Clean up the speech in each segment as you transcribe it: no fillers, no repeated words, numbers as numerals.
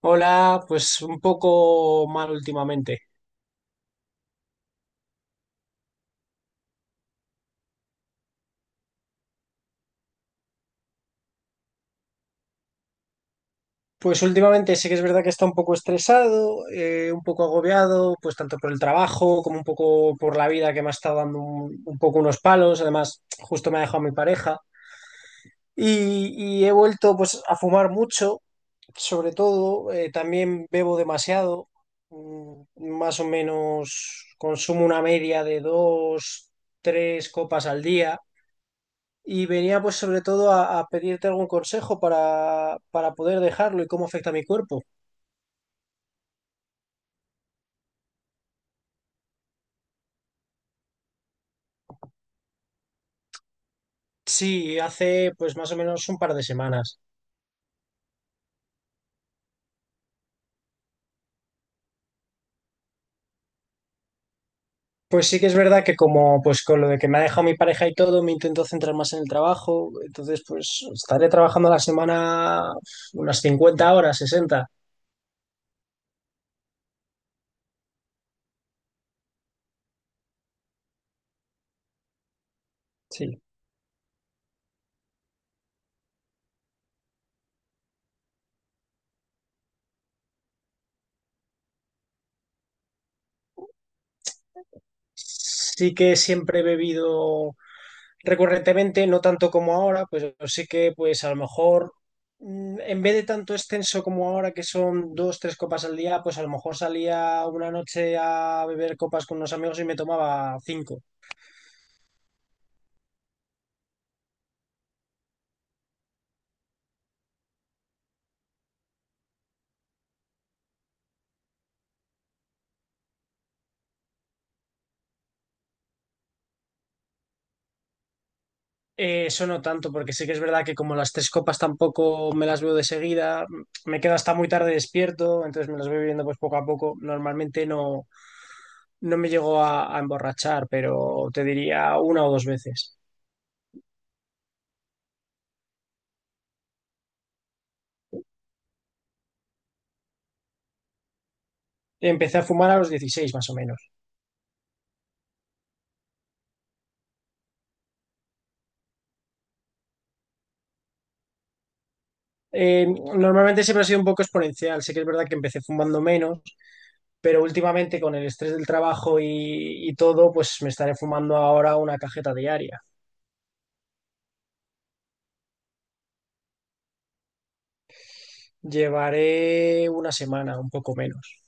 Hola, pues un poco mal últimamente. Pues últimamente sí que es verdad que está un poco estresado, un poco agobiado, pues tanto por el trabajo como un poco por la vida que me ha estado dando un poco unos palos. Además, justo me ha dejado mi pareja. Y he vuelto pues a fumar mucho, sobre todo. También bebo demasiado. Mm, Más o menos consumo una media de dos, tres copas al día. Y venía pues sobre todo a pedirte algún consejo para poder dejarlo y cómo afecta a mi cuerpo. Sí, hace pues más o menos un par de semanas. Pues sí que es verdad que como pues con lo de que me ha dejado mi pareja y todo, me intento centrar más en el trabajo. Entonces pues estaré trabajando a la semana unas 50 horas, 60. Sí. Sí que siempre he bebido recurrentemente, no tanto como ahora, pues sí que pues a lo mejor en vez de tanto extenso como ahora, que son dos, tres copas al día, pues a lo mejor salía una noche a beber copas con unos amigos y me tomaba cinco. Eso no tanto, porque sí que es verdad que como las tres copas tampoco me las veo de seguida, me quedo hasta muy tarde despierto, entonces me las voy bebiendo pues poco a poco. Normalmente no, no me llego a emborrachar, pero te diría una o dos veces. Empecé a fumar a los 16 más o menos. Eh, Normalmente siempre ha sido un poco exponencial. Sí que es verdad que empecé fumando menos, pero últimamente con el estrés del trabajo y todo, pues me estaré fumando ahora una cajeta diaria. Llevaré una semana, un poco menos.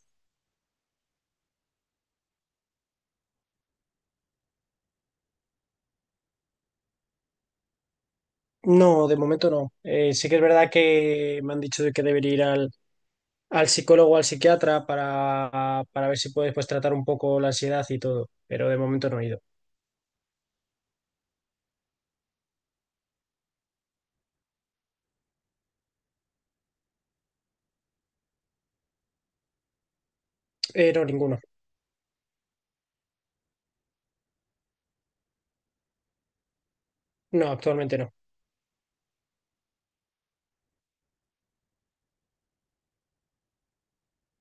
No, de momento no. Sí que es verdad que me han dicho de que debería ir al psicólogo o al psiquiatra para ver si puedes pues, tratar un poco la ansiedad y todo, pero de momento no he ido. No, ninguno. No, actualmente no.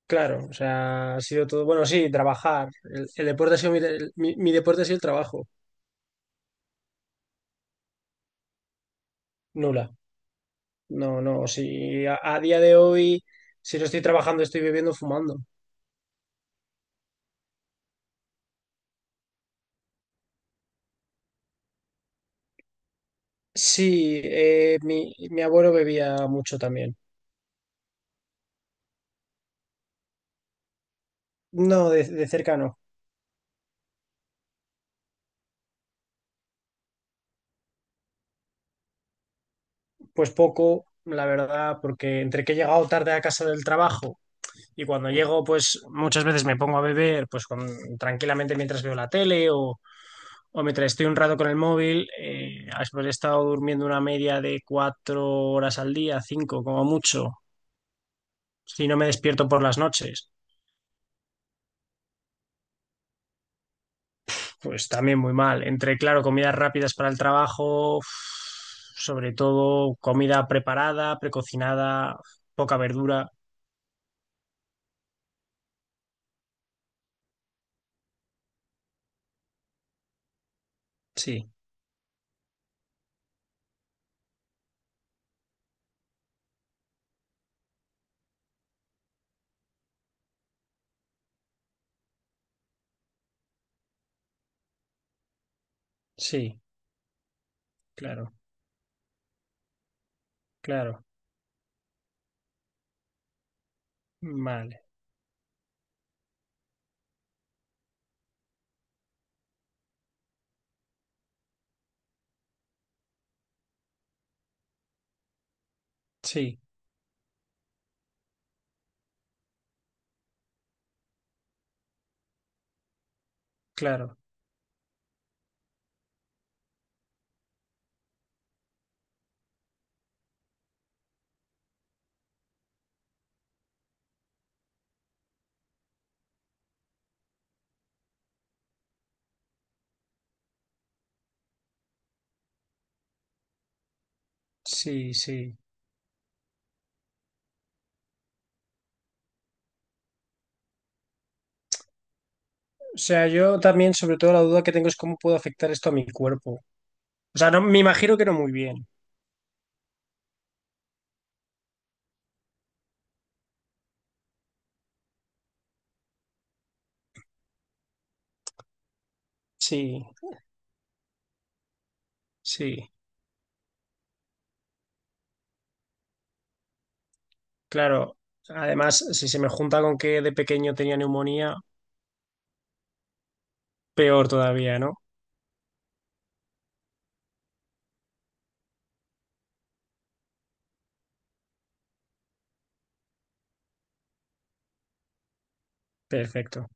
Claro, o sea, ha sido todo. Bueno, sí, trabajar. El deporte ha sido mi deporte ha sido el trabajo. Nula. No, no. Si a día de hoy, si no estoy trabajando, estoy bebiendo, fumando. Sí, mi abuelo bebía mucho también. No, de cerca no. Pues poco, la verdad, porque entre que he llegado tarde a casa del trabajo y cuando llego, pues muchas veces me pongo a beber, pues tranquilamente mientras veo la tele o mientras estoy un rato con el móvil. Después he estado durmiendo una media de 4 horas al día, 5 como mucho, si no me despierto por las noches. Pues también muy mal. Entre, claro, comidas rápidas para el trabajo, uf, sobre todo comida preparada, precocinada, poca verdura. Sí, sí, claro, claro, vale, sí, claro, sí, sí. O sea, yo también, sobre todo, la duda que tengo es cómo puedo afectar esto a mi cuerpo. O sea, no, me imagino que no muy bien. Sí, sí, claro. Además, si se me junta con que de pequeño tenía neumonía, peor todavía, ¿no? Perfecto,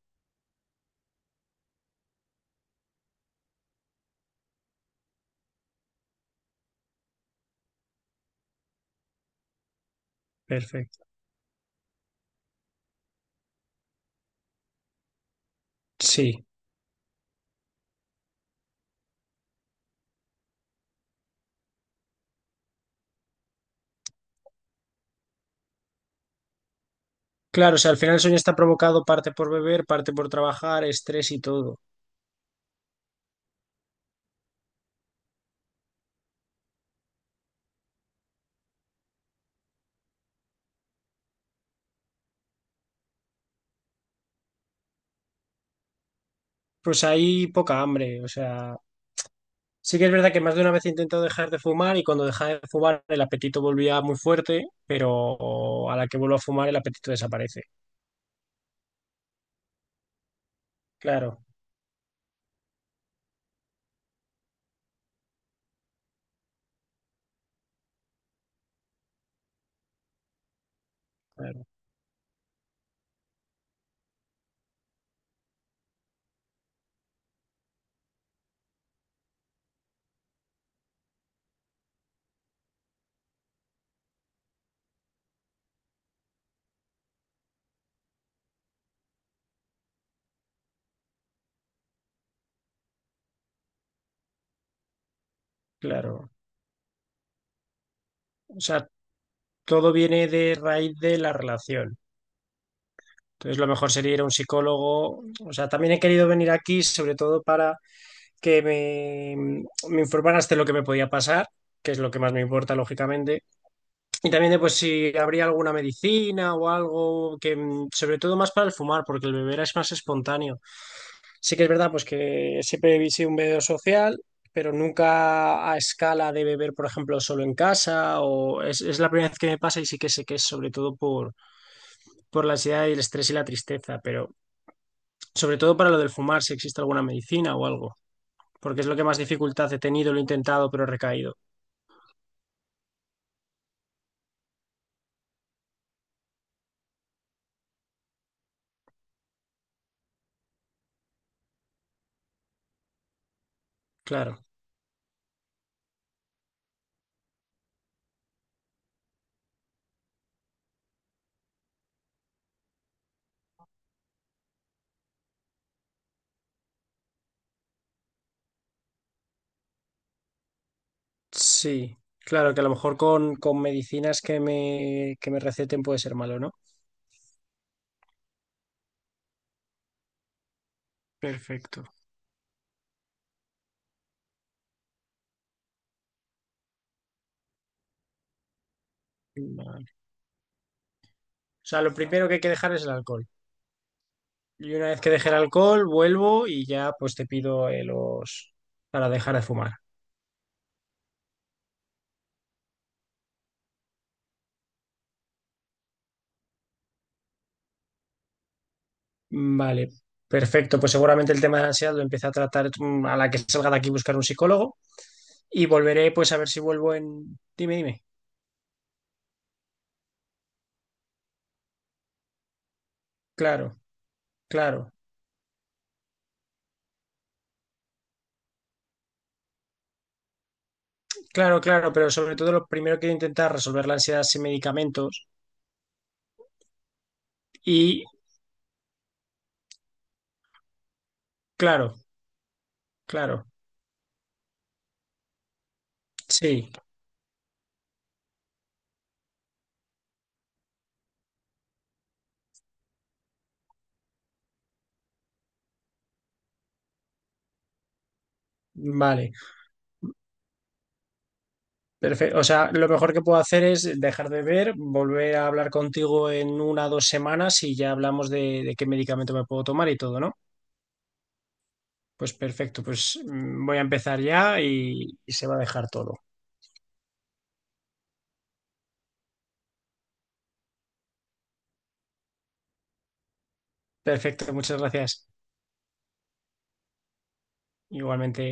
perfecto. Sí, claro, o sea, al final el sueño está provocado parte por beber, parte por trabajar, estrés y todo. Pues hay poca hambre, o sea, sí que es verdad que más de una vez he intentado dejar de fumar y cuando dejaba de fumar el apetito volvía muy fuerte, pero a la que vuelvo a fumar el apetito desaparece. Claro, claro, claro. O sea, todo viene de raíz de la relación. Entonces, lo mejor sería ir a un psicólogo. O sea, también he querido venir aquí, sobre todo para que me informaras de lo que me podía pasar, que es lo que más me importa, lógicamente. Y también de pues si habría alguna medicina o algo que, sobre todo más para el fumar, porque el beber es más espontáneo. Sí que es verdad, pues que siempre he sido un bebedor social, pero nunca a escala de beber, por ejemplo, solo en casa, o es la primera vez que me pasa y sí que sé que es sobre todo por la ansiedad y el estrés y la tristeza, pero sobre todo para lo del fumar, si existe alguna medicina o algo, porque es lo que más dificultad he tenido, lo he intentado, pero he recaído. Claro, sí, claro, que a lo mejor con medicinas que me receten puede ser malo, ¿no? Perfecto. Vale. O sea, lo primero que hay que dejar es el alcohol. Y una vez que deje el alcohol, vuelvo y ya pues te pido los para dejar de fumar. Vale, perfecto. Pues seguramente el tema de la ansiedad lo empecé a tratar a la que salga de aquí buscar un psicólogo y volveré pues a ver si vuelvo en... Dime, dime. Claro, claro, claro, claro, pero sobre todo lo primero que intentar resolver la ansiedad sin medicamentos y claro, claro, sí, vale, perfecto. O sea, lo mejor que puedo hacer es dejar de ver, volver a hablar contigo en una o dos semanas y ya hablamos de qué medicamento me puedo tomar y todo, ¿no? Pues perfecto, pues voy a empezar ya y se va a dejar todo. Perfecto, muchas gracias. Igualmente.